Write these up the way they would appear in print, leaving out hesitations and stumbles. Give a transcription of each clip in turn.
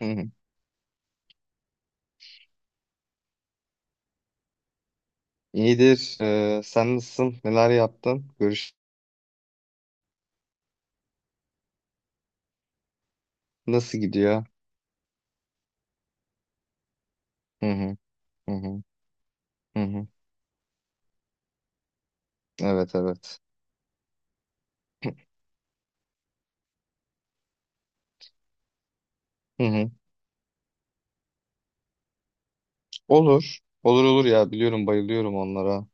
Hı hı. İyidir. Sen nasılsın? Neler yaptın? Nasıl gidiyor? Hı hı. Hı hı. Hı hı. Evet evet. Hı hı. Olur. Olur olur ya, biliyorum, bayılıyorum onlara.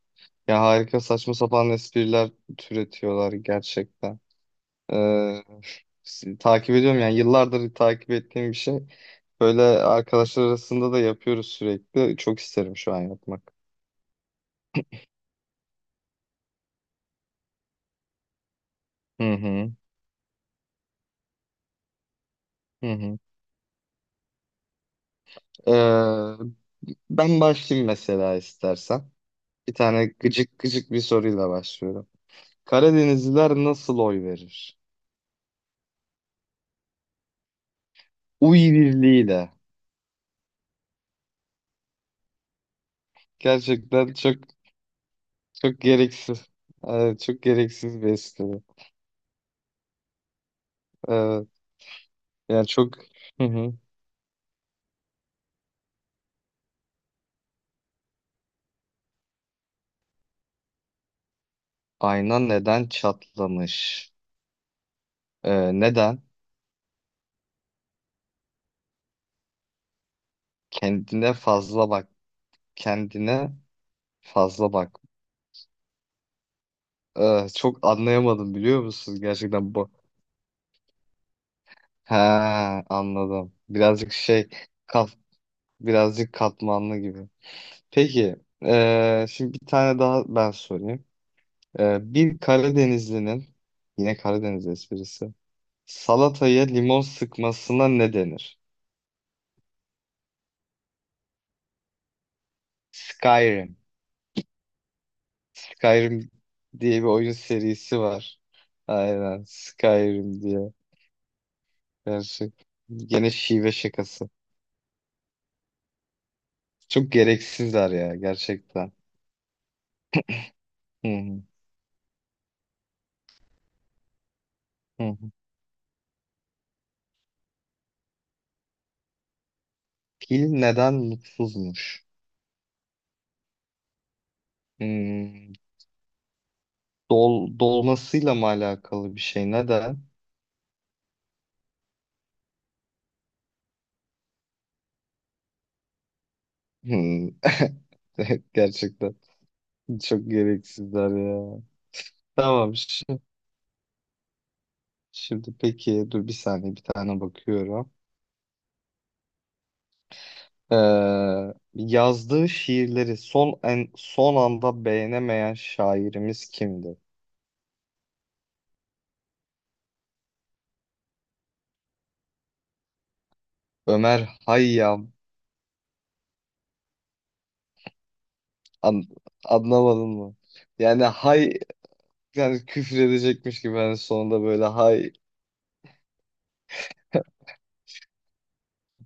Ya harika, saçma sapan espriler türetiyorlar gerçekten. Ee, takip ediyorum, yani yıllardır takip ettiğim bir şey. Böyle arkadaşlar arasında da yapıyoruz sürekli. Çok isterim şu an yapmak. Hı hı. Hı hı. Ben başlayayım mesela, istersen. Bir tane gıcık gıcık bir soruyla başlıyorum. Karadenizliler nasıl oy verir? Uy birliğiyle. Gerçekten çok çok gereksiz. Evet, çok gereksiz bir espri. Evet. Yani çok. Hı hı. Ayna neden çatlamış? Neden? Kendine fazla bak. Kendine fazla bak. Çok anlayamadım, biliyor musun? Gerçekten bu. He, anladım. Birazcık şey. Kaf, Birazcık katmanlı gibi. Peki, şimdi bir tane daha ben sorayım. Bir Karadenizlinin, yine Karadeniz esprisi, salataya limon sıkmasına ne denir? Skyrim. Skyrim diye bir oyun serisi var. Aynen, Skyrim diye. Gerçek. Gene şive şakası. Çok gereksizler ya, gerçekten. Hı hı, hı hı. Fil neden mutsuzmuş? Hmm, dolmasıyla mı alakalı bir şey? Neden? Hmm. Evet, gerçekten çok gereksizler ya. Tamam, şimdi peki, dur bir saniye, bir tane bakıyorum. Yazdığı şiirleri son anda beğenemeyen şairimiz kimdi? Ömer Hayyam. An- anlamadın mı? Yani hay, yani küfür edecekmiş gibi, ben sonunda böyle hay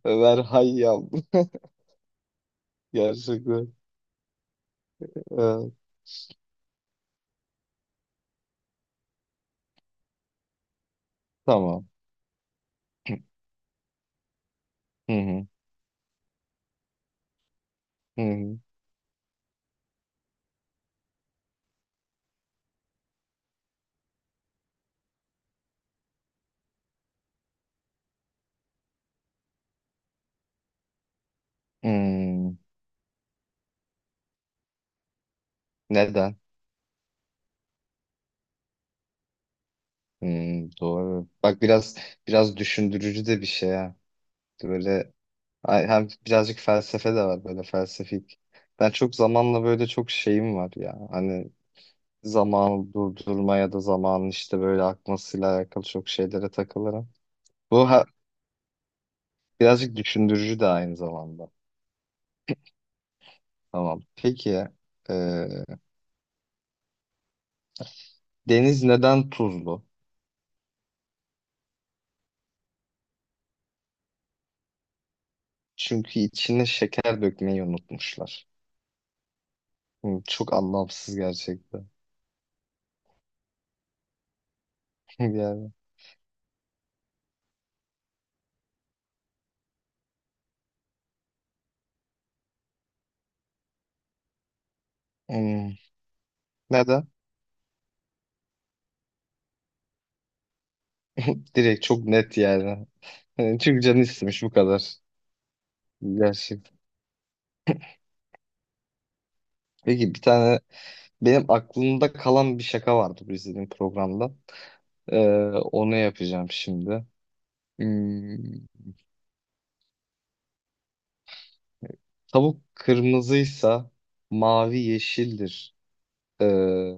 Ömer Hayyam. Gerçekten. Ee, tamam. Hı hı. Hı hı. Hmm, Neden? Doğru. Bak, biraz düşündürücü de bir şey ha. Böyle Hem birazcık felsefe de var, böyle felsefik. Ben çok zamanla böyle çok şeyim var ya. Hani zamanı durdurma ya da zamanın işte böyle akmasıyla alakalı çok şeylere takılırım. Bu ha- Birazcık düşündürücü de aynı zamanda. Tamam. Peki, e, deniz neden tuzlu? Çünkü içine şeker dökmeyi unutmuşlar. Çok anlamsız gerçekten. Yani. hmm, Neden? Direkt çok net yani. Yani çünkü canı istemiş, bu kadar. Gerçek. Peki, bir tane benim aklımda kalan bir şaka vardı bu izlediğim programda. Ee, onu yapacağım şimdi. Hmm, tavuk kırmızıysa mavi yeşildir, ee,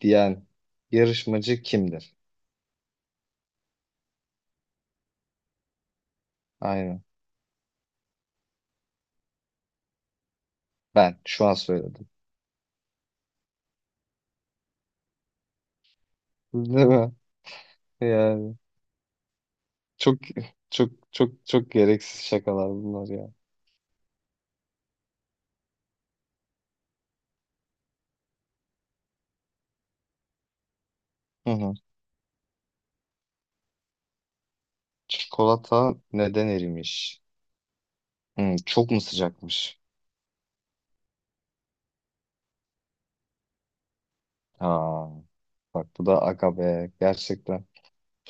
diyen yarışmacı kimdir? Aynen. Ben şu an söyledim. Değil mi? Yani çok çok çok çok gereksiz şakalar bunlar ya. Hı hı. Çikolata neden erimiş? Çok mu sıcakmış? Ha, bak bu da aga be, gerçekten.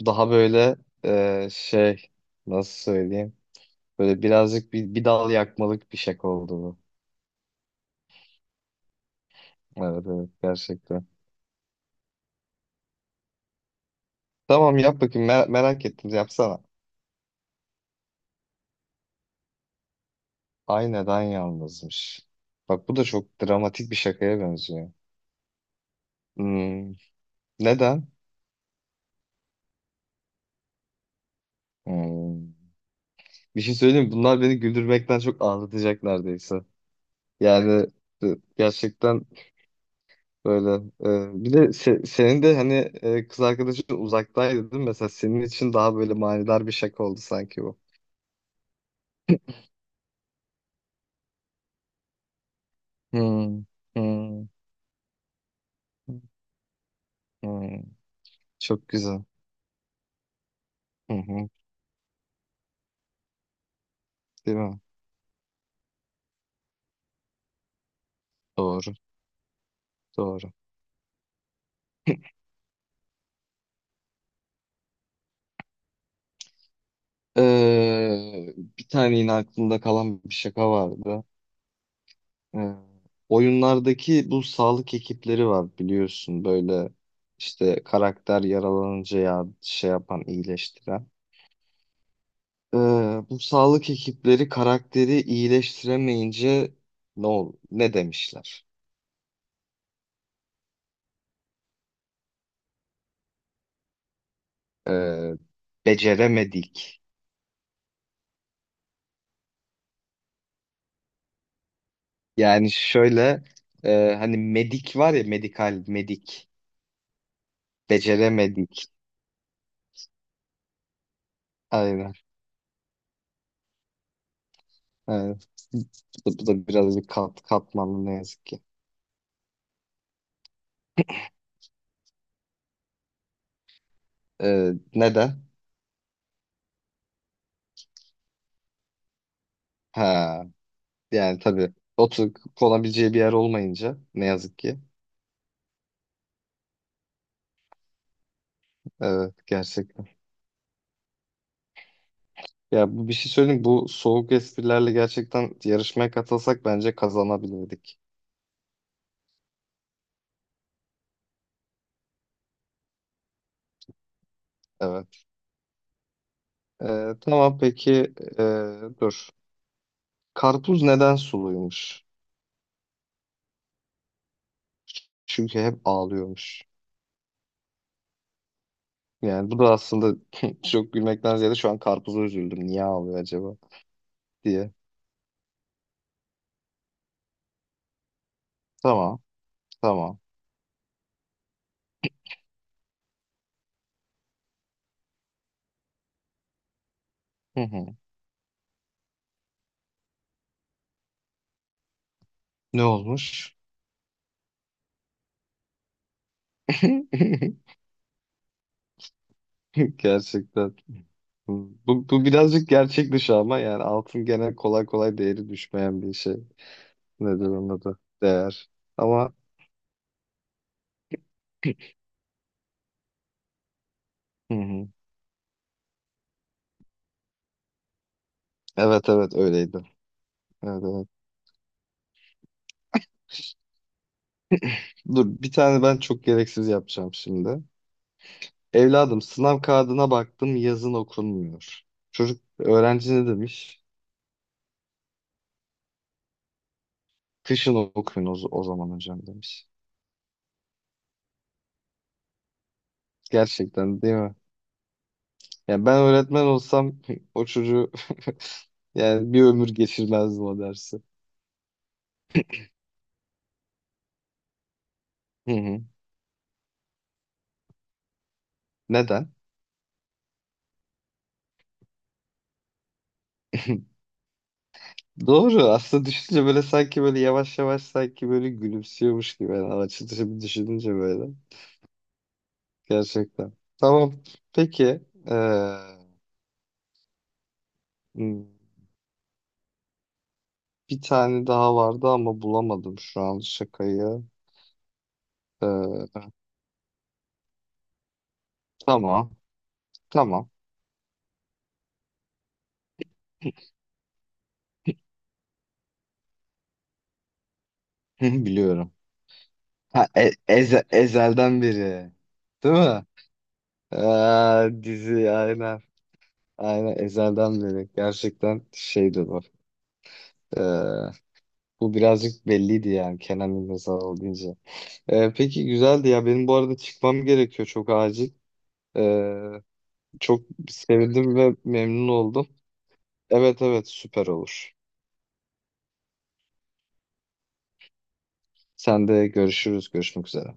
Bu daha böyle, şey, nasıl söyleyeyim? Böyle birazcık bir dal yakmalık bir şaka oldu bu. Evet evet, gerçekten. Tamam, yap bakayım, merak ettim, yapsana. Ay neden yalnızmış? Bak, bu da çok dramatik bir şakaya benziyor. Hmm, neden? Hmm. Bir şey söyleyeyim mi? Bunlar beni güldürmekten çok ağlatacak neredeyse. Yani, e, gerçekten böyle. Bir de senin de hani, kız arkadaşın uzaktaydı değil mi? Mesela senin için daha böyle manidar bir şaka oldu sanki bu. Hmm, hmm, hmm. Çok güzel. Hı hı, değil mi? Doğru, doğru. Bir tane yine aklımda kalan bir şaka vardı. Ee, oyunlardaki bu sağlık ekipleri var, biliyorsun, böyle işte karakter yaralanınca ya, şey yapan, iyileştiren. Ee, bu sağlık ekipleri karakteri iyileştiremeyince ne demişler? Ee, beceremedik. Yani şöyle, hani medik var ya, medikal, medik, beceremedik. Aynen. Aynen. Bu da biraz bir katmanlı, ne yazık ki. Neden? Ha, yani tabii, oturup konabileceği bir yer olmayınca, ne yazık ki. Evet, gerçekten. Ya, bu, bir şey söyleyeyim. Bu soğuk esprilerle gerçekten yarışmaya katılsak bence kazanabilirdik. Evet. Tamam peki, dur. Karpuz neden suluymuş? Çünkü hep ağlıyormuş. Yani bu da aslında çok gülmekten ziyade şu an karpuza üzüldüm, niye ağlıyor acaba diye. Tamam. Tamam. Hı hı. Ne olmuş? Gerçekten. Bu, bu birazcık gerçek dışı, ama yani altın gene kolay kolay değeri düşmeyen bir şey. Nedir onun adı? Değer. Ama Hı hı. Evet evet, öyleydi. Evet, evet. Dur, bir tane ben çok gereksiz yapacağım şimdi. Evladım, sınav kağıdına baktım, yazın okunmuyor. Çocuk, öğrenci ne demiş? Kışın okuyun o zaman hocam, demiş. Gerçekten, değil mi? Yani ben öğretmen olsam o çocuğu yani bir ömür geçirmezdim o dersi. Hı hı. Neden? Doğru. Aslında düşününce böyle, sanki böyle yavaş yavaş, sanki böyle gülümsüyormuş gibi. Yani açılışı bir düşününce böyle. Gerçekten. Tamam. Peki. Ee, hmm, bir tane daha vardı ama bulamadım şu an şakayı. Ee, tamam. Tamam. Biliyorum. Ha, Ezel'den beri. Değil mi? Aa, dizi, aynen. Aynen Ezel'den beri. Gerçekten şeydi bu. Ee, bu birazcık belliydi yani, Kenan İmirzalıoğlu deyince. Peki, güzeldi ya. Benim bu arada çıkmam gerekiyor, çok acil. Ee, çok sevindim ve memnun oldum. Evet evet, süper olur. Sen de, görüşürüz. Görüşmek üzere.